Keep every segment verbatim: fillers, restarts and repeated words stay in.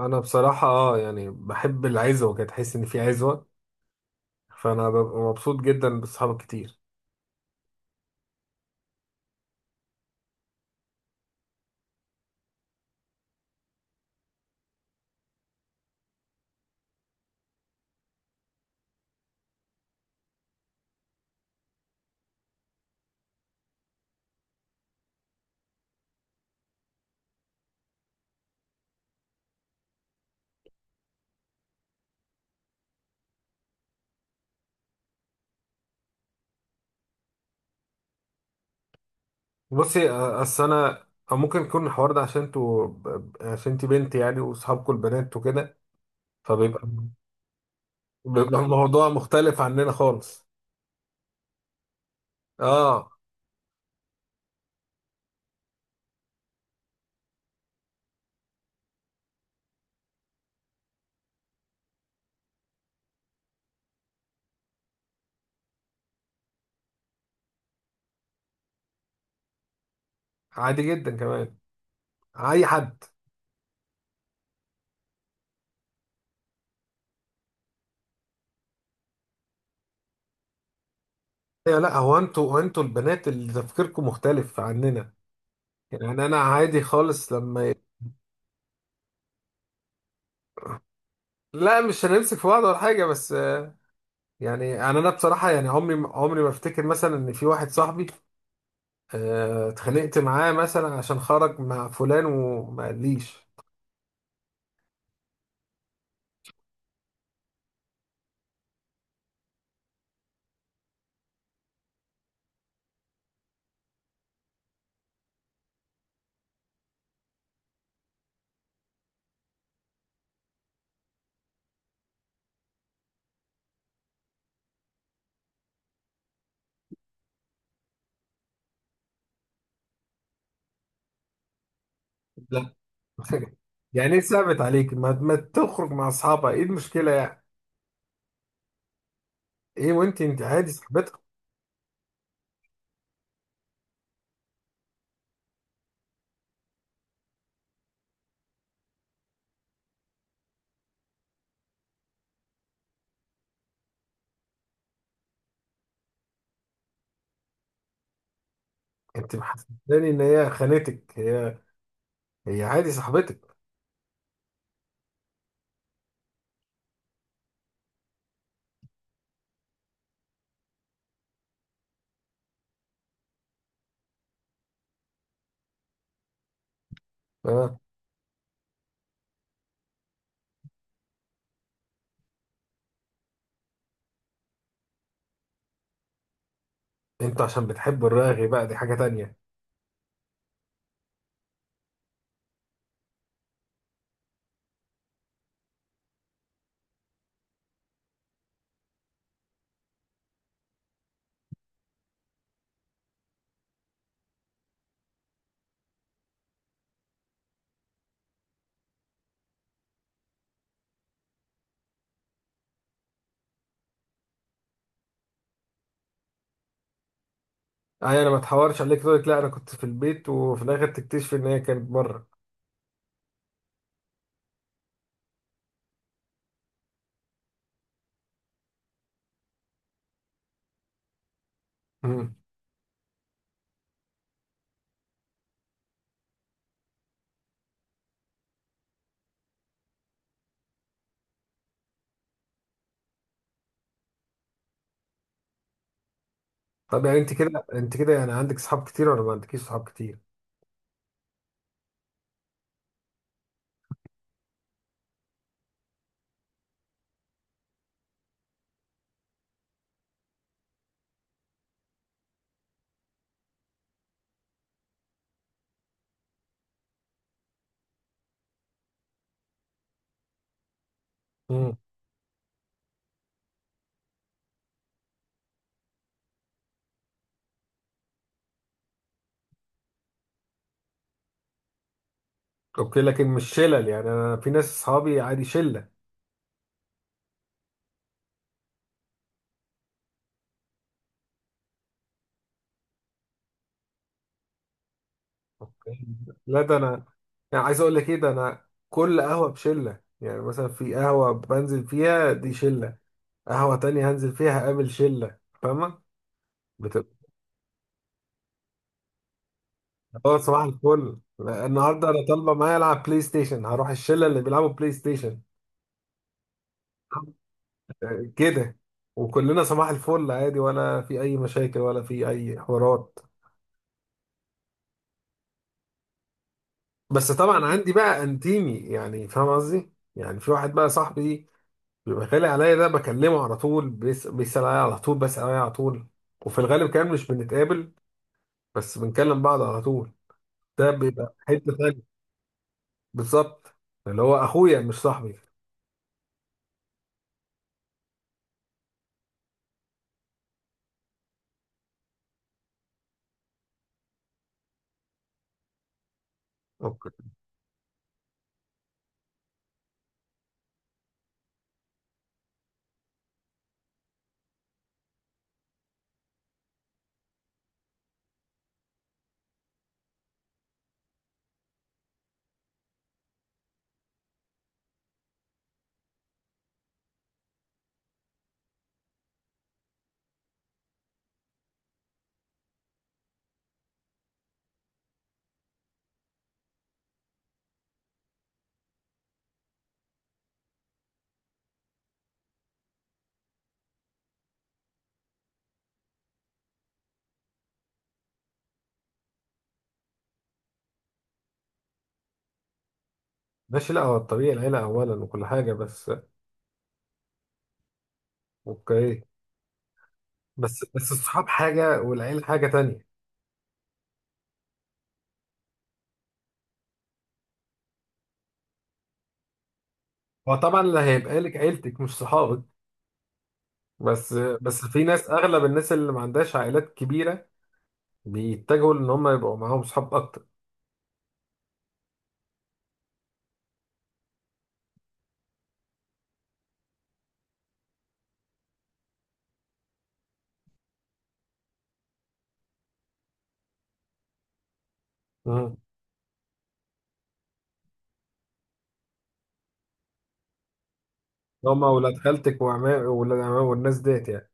انا بصراحه اه يعني بحب العزوه كده، تحس ان في عزوه. فانا ببقى مبسوط جدا بصحابي كتير. بصي آه، اصل انا أو ممكن يكون الحوار ده عشان انتوا ب- عشان انتي بنت يعني واصحابكم البنات وكده، فبيبقى، بيبقى بالظبط الموضوع مختلف عننا خالص. اه، عادي جدا كمان، اي حد. إيه، لا هو انتوا، هو انتوا البنات اللي تفكيركم مختلف عننا. يعني انا عادي خالص لما ي- لا مش هنمسك في بعض ولا حاجه، بس يعني يعني انا بصراحه يعني عمري عمري ما افتكر مثلا ان في واحد صاحبي آه، اتخانقت معاه مثلا عشان خرج مع فلان وما قاليش. لا. يعني ايه ثابت عليك ما, ما تخرج مع اصحابها؟ ايه المشكله يعني؟ ايه؟ وانت انت عادي صاحبتك. انت محسساني ان هي خانتك، هي هي عادي صاحبتك. اه. انت عشان بتحب الراغي بقى، دي حاجه تانية. اي انا ما اتحورش عليك تقول لك لا انا كنت في البيت، وفي الاخر تكتشف ان هي كانت بره. طب يعني انت كده انت كده يعني عندك صحاب كتير ولا ما عندكيش صحاب كتير؟ امم. اوكي، لكن مش شلل؟ يعني انا في ناس صحابي عادي شله. اوكي. لا ده انا، يعني عايز اقول لك ايه، ده انا كل قهوه بشله. يعني مثلا في قهوه بنزل فيها دي شله، قهوه تانية هنزل فيها هقابل شله. فاهمه؟ بتبقى، اه صباح الفل، لا، النهارده انا طالبه معايا العب بلاي ستيشن، هروح الشله اللي بيلعبوا بلاي ستيشن. كده. وكلنا صباح الفل عادي، ولا في اي مشاكل ولا في اي حوارات. بس طبعا عندي بقى انتيمي، يعني فاهم قصدي؟ يعني في واحد بقى صاحبي بيبقى غالي عليا، ده بكلمه على طول، بيس- بيسأل عليا على طول، بسأل عليا على طول، وفي الغالب كمان مش بنتقابل، بس بنكلم بعض على طول. ده بيبقى حتة تانية. بالظبط. اللي هو اخويا مش صاحبي. اوكي. ماشي، لا هو الطبيعي العيلة اولا وكل حاجة، بس. اوكي. بس بس الصحاب حاجة والعيلة حاجة تانية. هو طبعا اللي هيبقى لك عيلتك مش صحابك، بس بس في ناس، اغلب الناس اللي ما عندهاش عائلات كبيرة بيتجهوا ان هم يبقوا معاهم صحاب اكتر. مم. هم ولاد خالتك وعمام، ولاد عمام والناس ديت يعني؟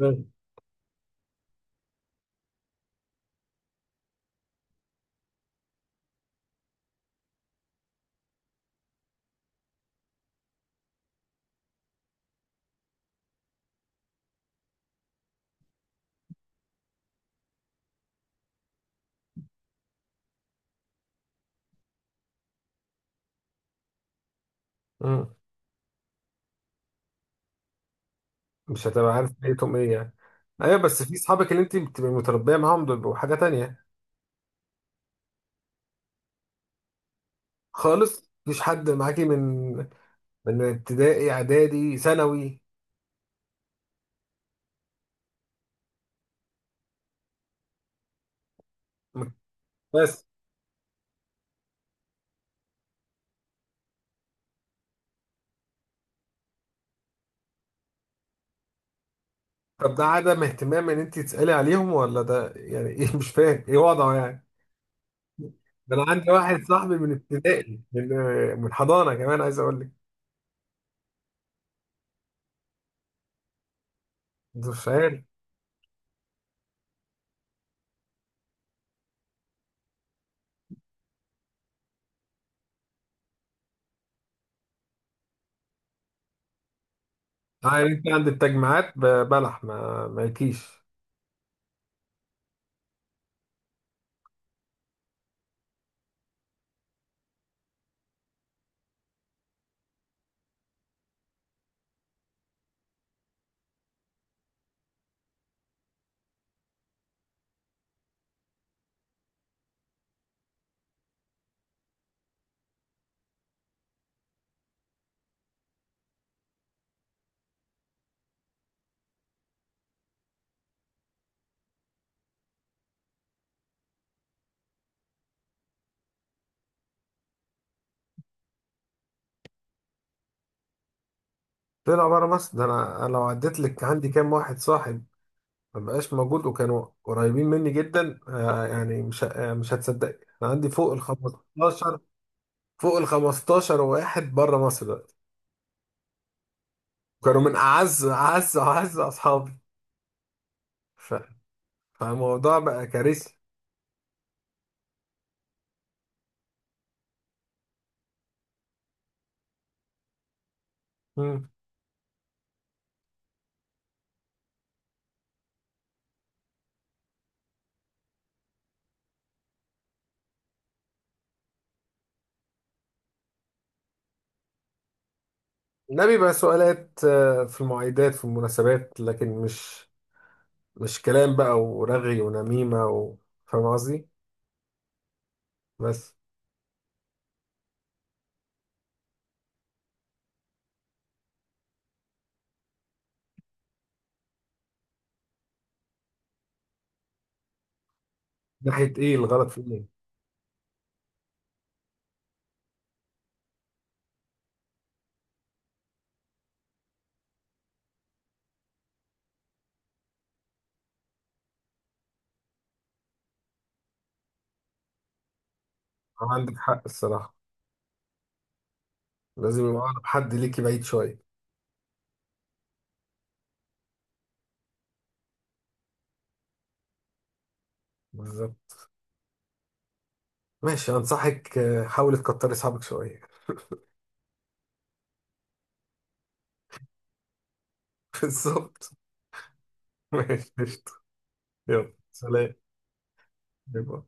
مم. مم. مش هتبقى عارف نيتهم ايه يعني. ايوه بس في صحابك اللي انت بتبقي متربيه معاهم، دول بيبقوا حاجه تانية. خالص مفيش حد معاكي من من ابتدائي اعدادي ثانوي؟ بس. طب ده عدم اهتمام ان انت تسالي عليهم، ولا ده يعني ايه، مش فاهم ايه وضعه يعني. ده انا عندي واحد صاحبي من ابتدائي، من من حضانه كمان عايز اقول لك. ده مش عارف. اه يعني انت عند التجمعات ب- بلح ما مالكيش. طلع بره مصر؟ ده انا، أنا لو عديت لك عندي كام واحد صاحب ما بقاش موجود وكانوا قريبين مني جدا آه، يعني مش ه- آه مش هتصدق، انا عندي فوق ال خمستاشر، فوق ال خمستاشر واحد بره مصر دلوقتي. كانوا من اعز اعز اعز اصحابي. ف... فالموضوع بقى كارثي. مم. ده بيبقى سؤالات آه، في المعايدات، في المناسبات، لكن مش مش كلام بقى ورغي ونميمة و... فاهم قصدي؟ بس. ناحية ايه؟ الغلط في ايه؟ عندك حق الصراحة. لازم يبقى أقرب حد ليكي بعيد شوية. بالظبط. ماشي، أنصحك آه، حاولي تكتري أصحابك شوية. بالظبط. ماشي قشطة. يلا سلام. باي باي.